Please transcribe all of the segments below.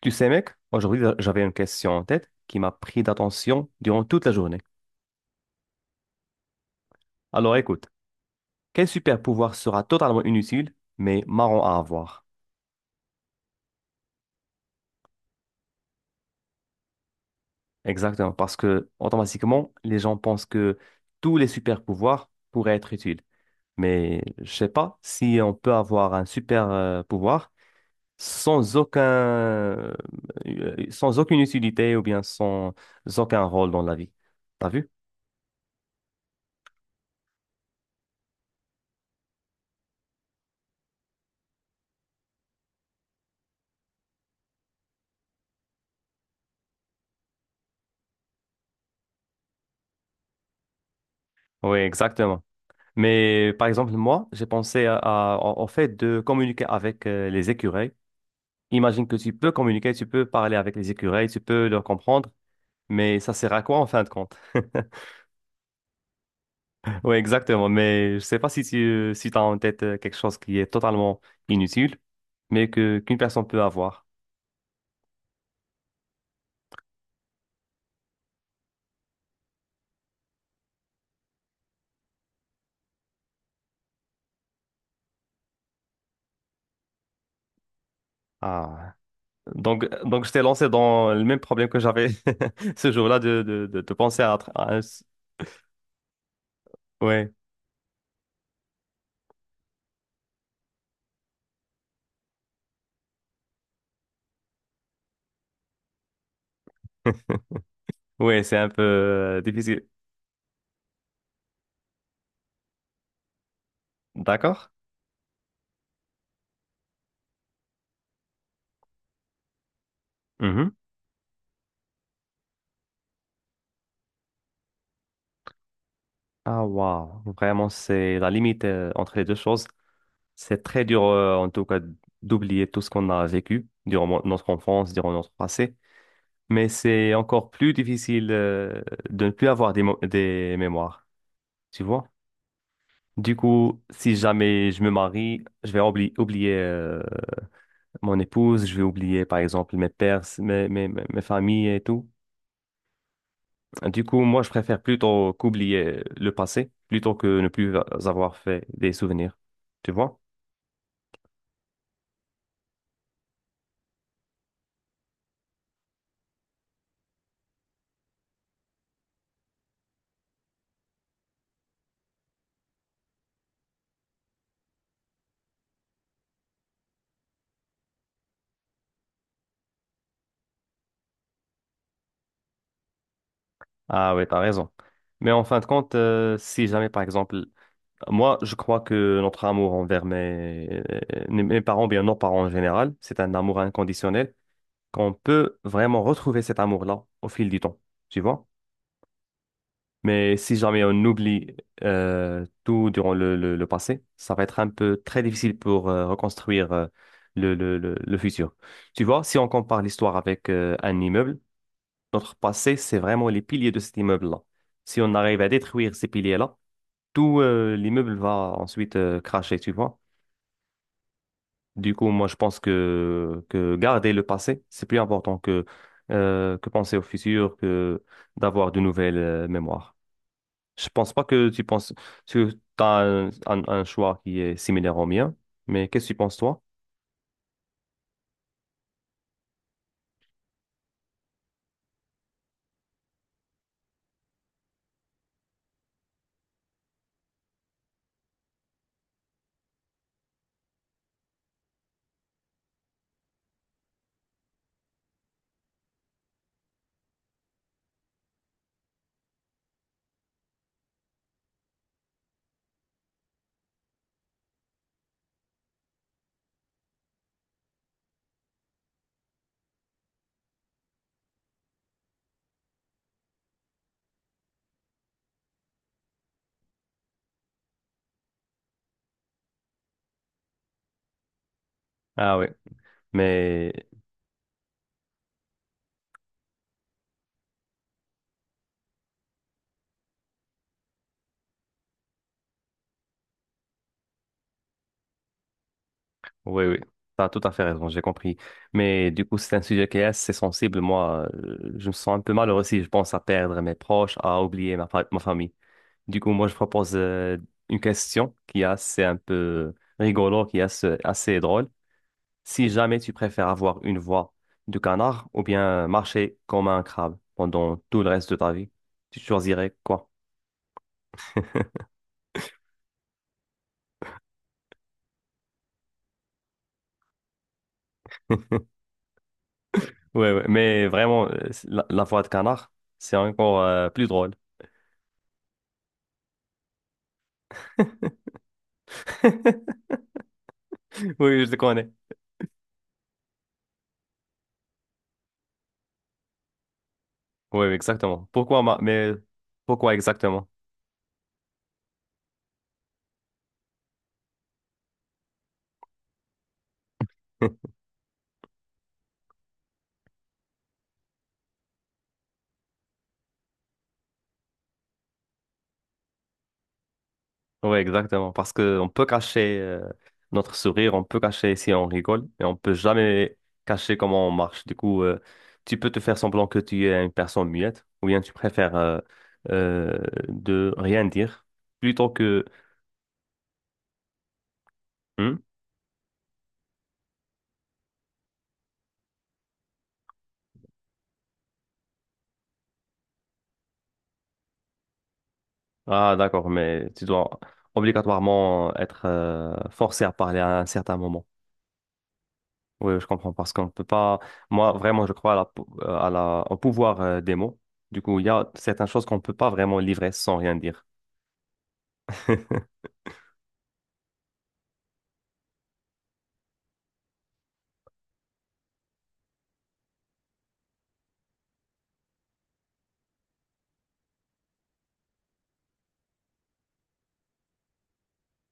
Tu sais, mec, aujourd'hui, j'avais une question en tête qui m'a pris d'attention durant toute la journée. Alors écoute, quel super pouvoir sera totalement inutile, mais marrant à avoir? Exactement, parce que automatiquement, les gens pensent que tous les super pouvoirs pourraient être utiles. Mais je sais pas si on peut avoir un super pouvoir sans aucun, sans aucune utilité ou bien sans aucun rôle dans la vie. T'as vu? Oui, exactement. Mais par exemple, moi, j'ai pensé au fait de communiquer avec les écureuils. Imagine que tu peux communiquer, tu peux parler avec les écureuils, tu peux leur comprendre. Mais ça sert à quoi en fin de compte? Oui, exactement. Mais je sais pas si t'as en tête quelque chose qui est totalement inutile, mais que qu'une personne peut avoir. Ah. Donc je t'ai lancé dans le même problème que j'avais ce jour-là de penser à... Ouais. Ouais, c'est un peu difficile. D'accord? Mhm. Ah, waouh. Vraiment, c'est la limite entre les deux choses. C'est très dur, en tout cas, d'oublier tout ce qu'on a vécu durant notre enfance, durant notre passé. Mais c'est encore plus difficile de ne plus avoir des mémoires, tu vois. Du coup, si jamais je me marie, je vais oublier mon épouse, je vais oublier par exemple mes pères, mes familles et tout. Du coup, moi, je préfère plutôt qu'oublier le passé, plutôt que ne plus avoir fait des souvenirs, tu vois. Ah ouais, t'as raison. Mais en fin de compte, si jamais par exemple moi, je crois que notre amour envers mes parents, bien nos parents en général, c'est un amour inconditionnel, qu'on peut vraiment retrouver cet amour-là au fil du temps, tu vois? Mais si jamais on oublie tout durant le passé, ça va être un peu très difficile pour reconstruire le futur. Tu vois, si on compare l'histoire avec un immeuble, notre passé, c'est vraiment les piliers de cet immeuble-là. Si on arrive à détruire ces piliers-là, tout l'immeuble va ensuite cracher, tu vois? Du coup, moi, je pense que garder le passé, c'est plus important que penser au futur, que d'avoir de nouvelles mémoires. Je pense pas que tu penses, tu as un choix qui est similaire au mien, mais qu'est-ce que tu penses, toi? Ah oui, mais oui, oui, tu as tout à fait raison, j'ai compris. Mais du coup, c'est un sujet qui est assez sensible. Moi, je me sens un peu malheureux si je pense à perdre mes proches, à oublier ma famille. Du coup, moi, je propose une question qui est assez un peu rigolo, qui est assez, assez drôle. Si jamais tu préfères avoir une voix de canard ou bien marcher comme un crabe pendant tout le reste de ta vie, tu choisirais quoi? Ouais, ouais, mais vraiment, la voix de canard, c'est encore plus drôle. Oui, je te connais. Oui, exactement. Mais pourquoi exactement? Ouais, exactement. Parce que on peut cacher notre sourire, on peut cacher si on rigole, mais on peut jamais cacher comment on marche. Du coup, tu peux te faire semblant que tu es une personne muette, ou bien tu préfères euh, de rien dire plutôt que hmm. Ah, d'accord, mais tu dois obligatoirement être forcé à parler à un certain moment. Oui, je comprends parce qu'on peut pas. Moi, vraiment, je crois à la, pou- à la- au pouvoir des mots. Du coup, il y a certaines choses qu'on peut pas vraiment livrer sans rien dire.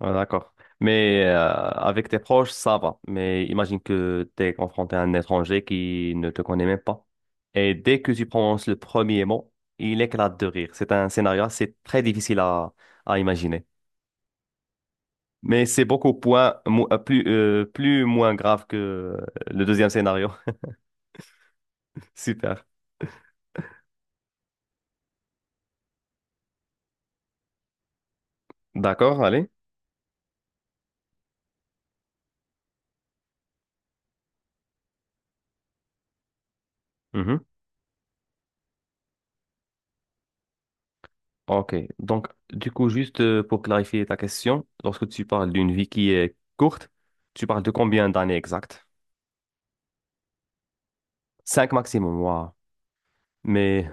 Ah, d'accord. Mais avec tes proches, ça va. Mais imagine que tu es confronté à un étranger qui ne te connaît même pas. Et dès que tu prononces le premier mot, il éclate de rire. C'est un scénario assez très difficile à imaginer. Mais c'est beaucoup point, plus, plus moins grave que le deuxième scénario. Super. D'accord, allez. Mhm. OK. Donc, du coup, juste pour clarifier ta question, lorsque tu parles d'une vie qui est courte, tu parles de combien d'années exactes? Cinq maximum, wow. Mais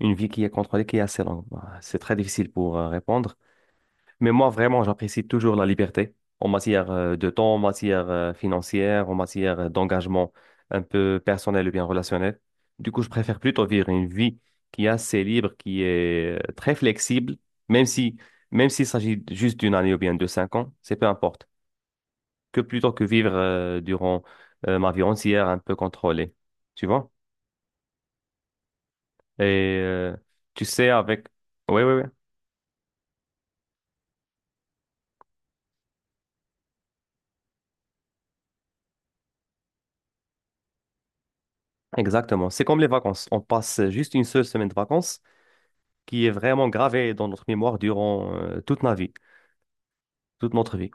une vie qui est contrôlée, qui est assez longue, bah, c'est très difficile pour répondre. Mais moi, vraiment, j'apprécie toujours la liberté en matière de temps, en matière financière, en matière d'engagement un peu personnel ou bien relationnel. Du coup, je préfère plutôt vivre une vie qui est assez libre, qui est très flexible, même si, même s'il s'agit juste d'une année ou bien de 5 ans, c'est peu importe, que plutôt que vivre durant ma vie entière un peu contrôlée. Tu vois? Et tu sais, avec... Oui, oui, oui, exactement. C'est comme les vacances. On passe juste une seule semaine de vacances qui est vraiment gravée dans notre mémoire durant toute ma vie, toute notre vie.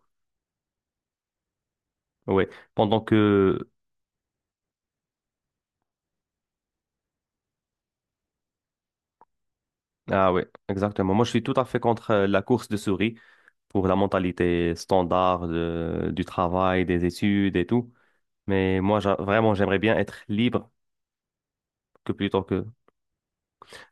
Oui, pendant que... Ah oui, exactement. Moi, je suis tout à fait contre la course de souris pour la mentalité standard du travail, des études et tout. Mais moi, vraiment, j'aimerais bien être libre que plutôt que...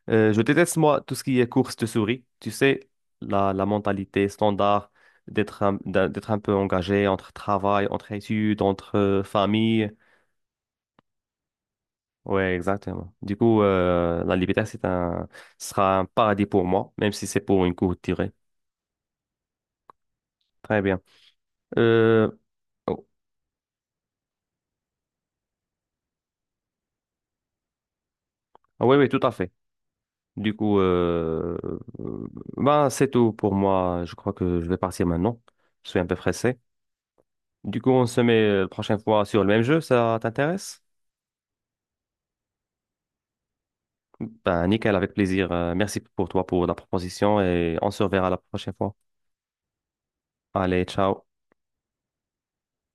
Je déteste, moi, tout ce qui est course de souris. Tu sais, la mentalité standard d'être d'être un peu engagé entre travail, entre études, entre famille. Ouais, exactement. Du coup, la liberté, sera un paradis pour moi, même si c'est pour une courte durée. Très bien. Euh, oh, ah oui, oui, tout à fait. Du coup, euh, ben, c'est tout pour moi. Je crois que je vais partir maintenant. Je suis un peu pressé. Du coup, on se met la prochaine fois sur le même jeu. Ça t'intéresse? Ben, nickel, avec plaisir. Merci pour toi pour la proposition et on se reverra la prochaine fois. Allez, ciao.